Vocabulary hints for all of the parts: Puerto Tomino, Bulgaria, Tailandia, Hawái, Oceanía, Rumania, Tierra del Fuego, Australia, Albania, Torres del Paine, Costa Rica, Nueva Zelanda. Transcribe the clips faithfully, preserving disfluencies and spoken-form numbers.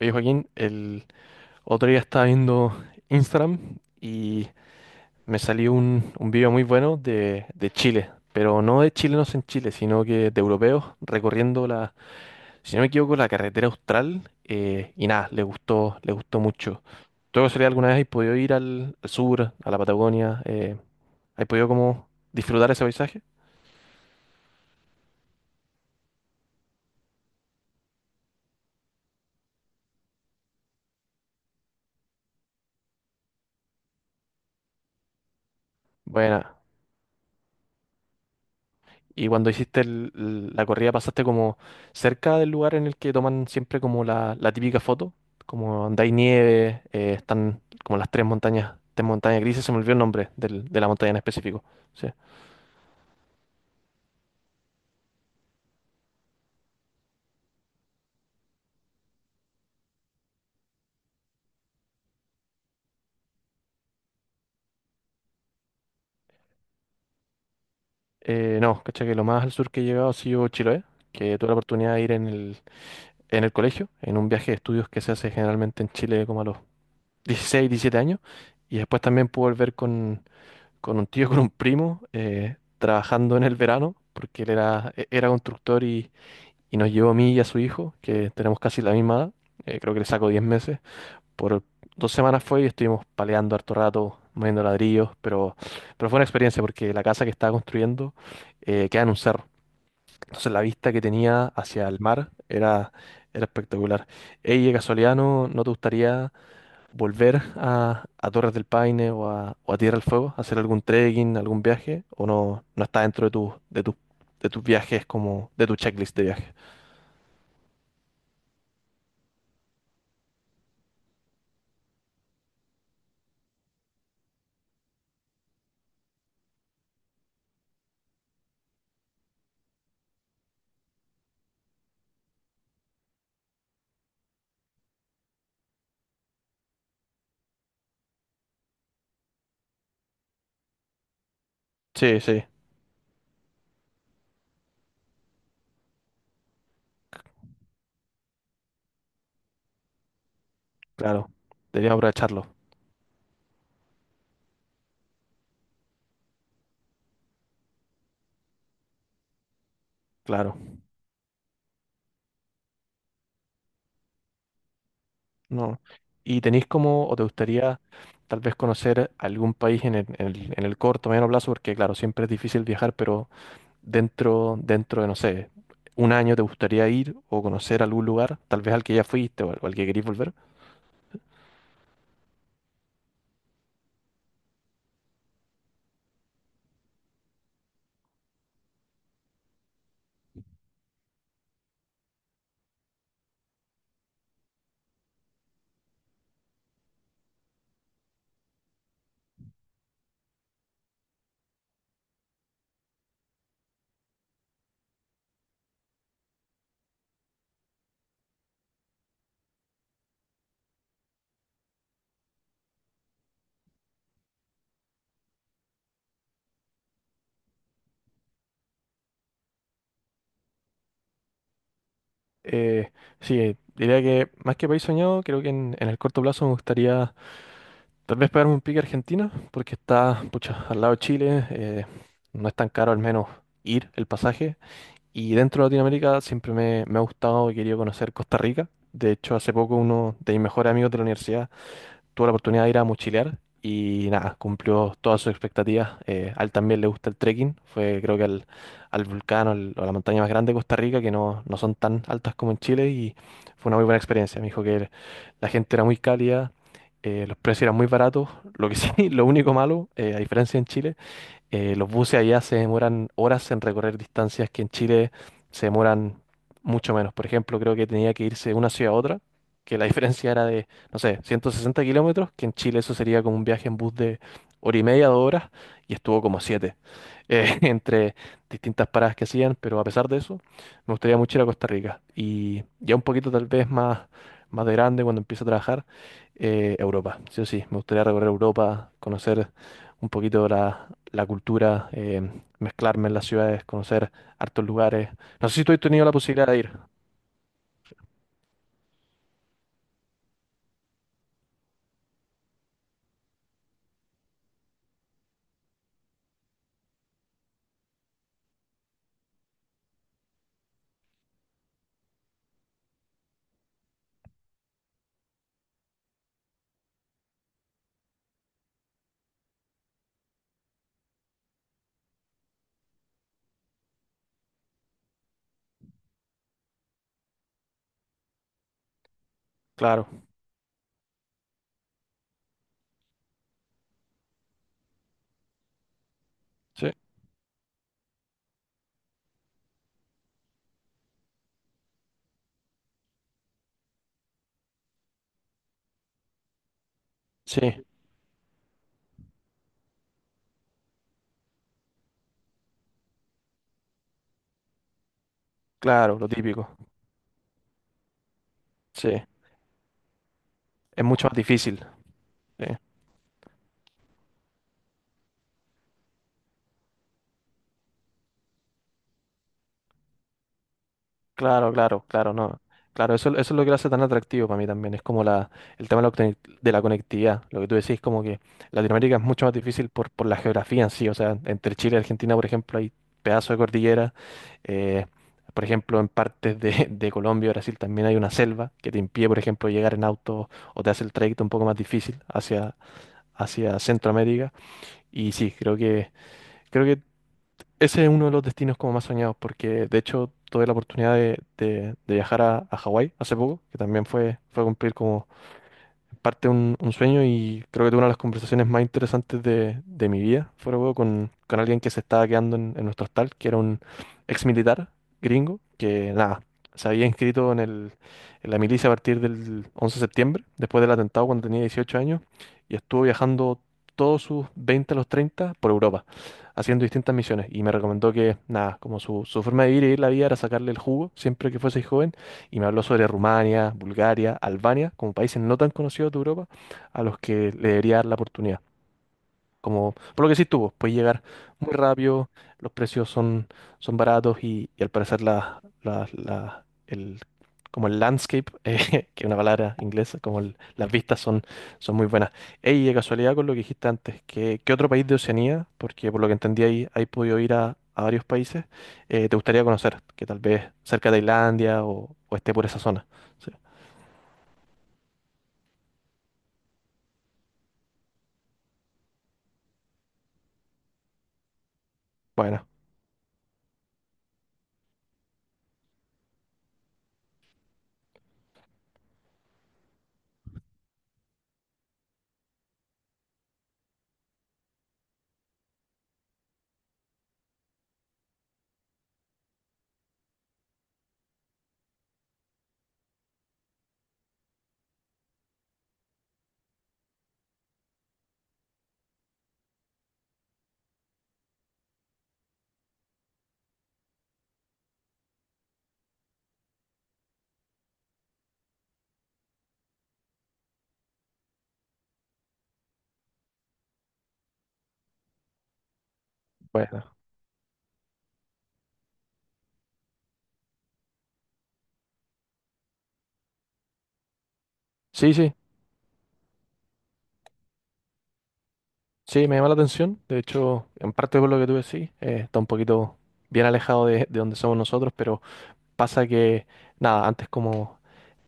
Oye, Joaquín, el otro día estaba viendo Instagram y me salió un, un video muy bueno de, de Chile, pero no de chilenos en Chile, sino que de europeos recorriendo la, si no me equivoco, la carretera austral, eh, y nada, le gustó, le gustó mucho. ¿Tú de casualidad alguna vez has podido ir al, al sur, a la Patagonia? Eh, ¿has podido como disfrutar ese paisaje? Buena. Y cuando hiciste el- el- la corrida, ¿pasaste como cerca del lugar en el que toman siempre como la, la típica foto? Como donde hay nieve, eh, están como las tres montañas, tres montañas grises, se me olvidó el nombre del- de la montaña en específico. Sí. Eh, no, caché que lo más al sur que he llegado ha sido Chiloé, que tuve la oportunidad de ir en el, en el colegio, en un viaje de estudios que se hace generalmente en Chile como a los dieciséis diecisiete años. Y después también pude volver con, con un tío, con un primo, eh, trabajando en el verano, porque él era, e- era constructor y, y nos llevó a mí y a su hijo, que tenemos casi la misma edad. eh, creo que le saco diez meses. Por dos semanas fue y estuvimos paleando harto rato, moviendo ladrillos, pero, pero fue una experiencia porque la casa que estaba construyendo eh, queda en un cerro. Entonces la vista que tenía hacia el mar era, era espectacular. Ey, de casualidad, ¿no, no te gustaría volver a, a Torres del Paine o a, o a Tierra del Fuego, hacer algún trekking, algún viaje, o no, no está dentro de tus de tus de tus viajes como de tu checklist de viaje? Sí, sí, claro. Debería aprovecharlo, claro. No. ¿Y tenéis como, o te gustaría tal vez conocer algún país en el, en el, en el corto, mediano plazo? Porque claro, siempre es difícil viajar, pero dentro, dentro de, no sé, un año te gustaría ir o conocer algún lugar, tal vez al que ya fuiste o al, o al que queréis volver. Eh, sí, eh, diría que más que país soñado, creo que en, en, el corto plazo me gustaría tal vez pegarme un pique a Argentina, porque está, pucha, al lado de Chile, eh, no es tan caro al menos ir el pasaje. Y dentro de Latinoamérica siempre me, me ha gustado y querido conocer Costa Rica. De hecho, hace poco uno de mis mejores amigos de la universidad tuvo la oportunidad de ir a mochilear y nada, cumplió todas sus expectativas. Eh, a él también le gusta el trekking, fue creo que al, al volcán o, al- o a la montaña más grande de Costa Rica, que no, no son tan altas como en Chile y fue una muy buena experiencia. Me dijo que la gente era muy cálida, eh, los precios eran muy baratos, lo que sí, lo único malo, eh, a diferencia en Chile, eh, los buses allá se demoran horas en recorrer distancias que en Chile se demoran mucho menos. Por ejemplo, creo que tenía que irse de una ciudad a otra, que la diferencia era de, no sé, ciento sesenta kilómetros, que en Chile eso sería como un viaje en bus de hora y media, dos horas, y estuvo como siete, eh, entre distintas paradas que hacían, pero a pesar de eso, me gustaría mucho ir a Costa Rica. Y ya un poquito tal vez más, más de grande, cuando empiece a trabajar, eh, Europa. Sí o sí, me gustaría recorrer Europa, conocer un poquito la, la cultura, eh, mezclarme en las ciudades, conocer hartos lugares. No sé si tú has tenido la posibilidad de ir. Claro, sí, sí, claro, lo típico. Sí, es mucho más difícil. Sí. Claro, claro, claro, no. Claro, eso, eso es lo que lo hace tan atractivo para mí también. Es como la, el tema de la, conec- de la conectividad. Lo que tú decís, como que Latinoamérica es mucho más difícil por, por la geografía en sí. O sea, entre Chile y Argentina, por ejemplo, hay pedazos de cordillera. eh, por ejemplo, en partes de, de Colombia y Brasil también hay una selva que te impide, por ejemplo, llegar en auto o te hace el trayecto un poco más difícil hacia, hacia Centroamérica. Y sí, creo que, creo que ese es uno de los destinos como más soñados, porque de hecho tuve la oportunidad de, de- de viajar a, a Hawái hace poco, que también fue, fue cumplir como parte un, un sueño y creo que tuve una de las conversaciones más interesantes de, de mi vida, fuera de huevo, con, con alguien que se estaba quedando en, en, nuestro hostal, que era un ex militar gringo, que nada, se había inscrito en, el, en la milicia a partir del once de septiembre, después del atentado cuando tenía dieciocho años, y estuvo viajando todos sus veinte a los treinta por Europa, haciendo distintas misiones, y me recomendó que nada, como su, su forma de vivir y vivir la vida era sacarle el jugo siempre que fuese joven y me habló sobre Rumania, Bulgaria, Albania, como países no tan conocidos de Europa, a los que le debería dar la oportunidad. Como, por lo que sí tuvo, puedes llegar muy rápido, los precios son, son baratos y, y al parecer la, la- la- el, como el landscape, eh, que es una palabra inglesa, como el- las vistas son, son muy buenas. Ey, de casualidad con lo que dijiste antes, ¿qué, qué otro país de Oceanía? Porque por lo que entendí ahí, ahí podido ir a, a varios países, eh, te gustaría conocer, que tal vez cerca de Tailandia o, o esté por esa zona. Sí. Bueno, bueno. Sí, sí. Sí, me llama la atención. De hecho, en parte por lo que tú decís, eh, está un poquito bien alejado de, de donde somos nosotros, pero pasa que, nada, antes como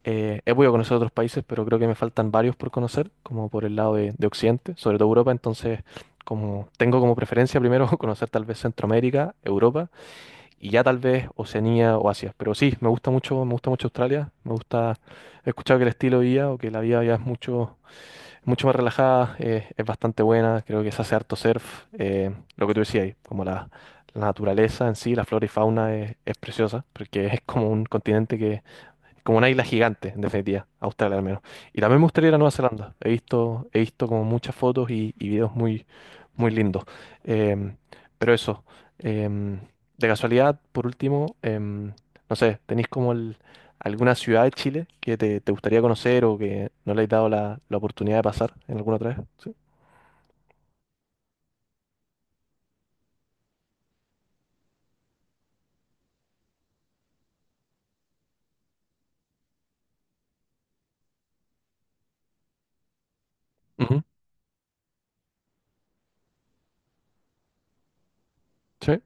eh, he podido conocer otros países, pero creo que me faltan varios por conocer, como por el lado de, de Occidente, sobre todo Europa. Entonces, como tengo como preferencia primero conocer tal vez Centroamérica, Europa y ya tal vez Oceanía o Asia. Pero sí, me gusta mucho, me gusta mucho Australia. Me gusta, he escuchado que el estilo de vida o que la vida ya es mucho mucho más relajada, eh, es bastante buena, creo que se hace harto surf, eh, lo que tú decías, ahí, como la, la naturaleza en sí, la flora y fauna es, es preciosa, porque es como un continente que, como una isla gigante, en definitiva, Australia al menos. Y también me gustaría ir a Nueva Zelanda, he visto, he visto como muchas fotos y, y videos muy, muy lindo. Em, pero eso, em, de casualidad, por último, em, no sé, ¿tenéis como el- alguna ciudad de Chile que te, te, gustaría conocer o que no le hayas dado la, la oportunidad de pasar en alguna otra vez? Sí. Ujú. Sí.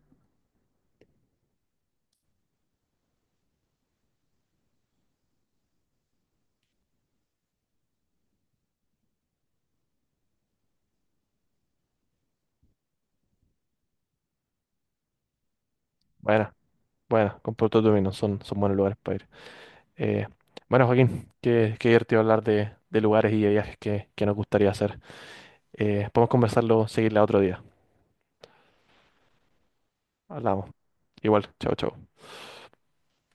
Buena, buena, con Puerto Tomino, son, son, buenos lugares para ir. Eh, bueno, Joaquín, qué, qué divertido hablar de, de lugares y de viajes que, que nos gustaría hacer. Eh, podemos conversarlo, seguirla otro día. Hablamos. Igual, chao, chao.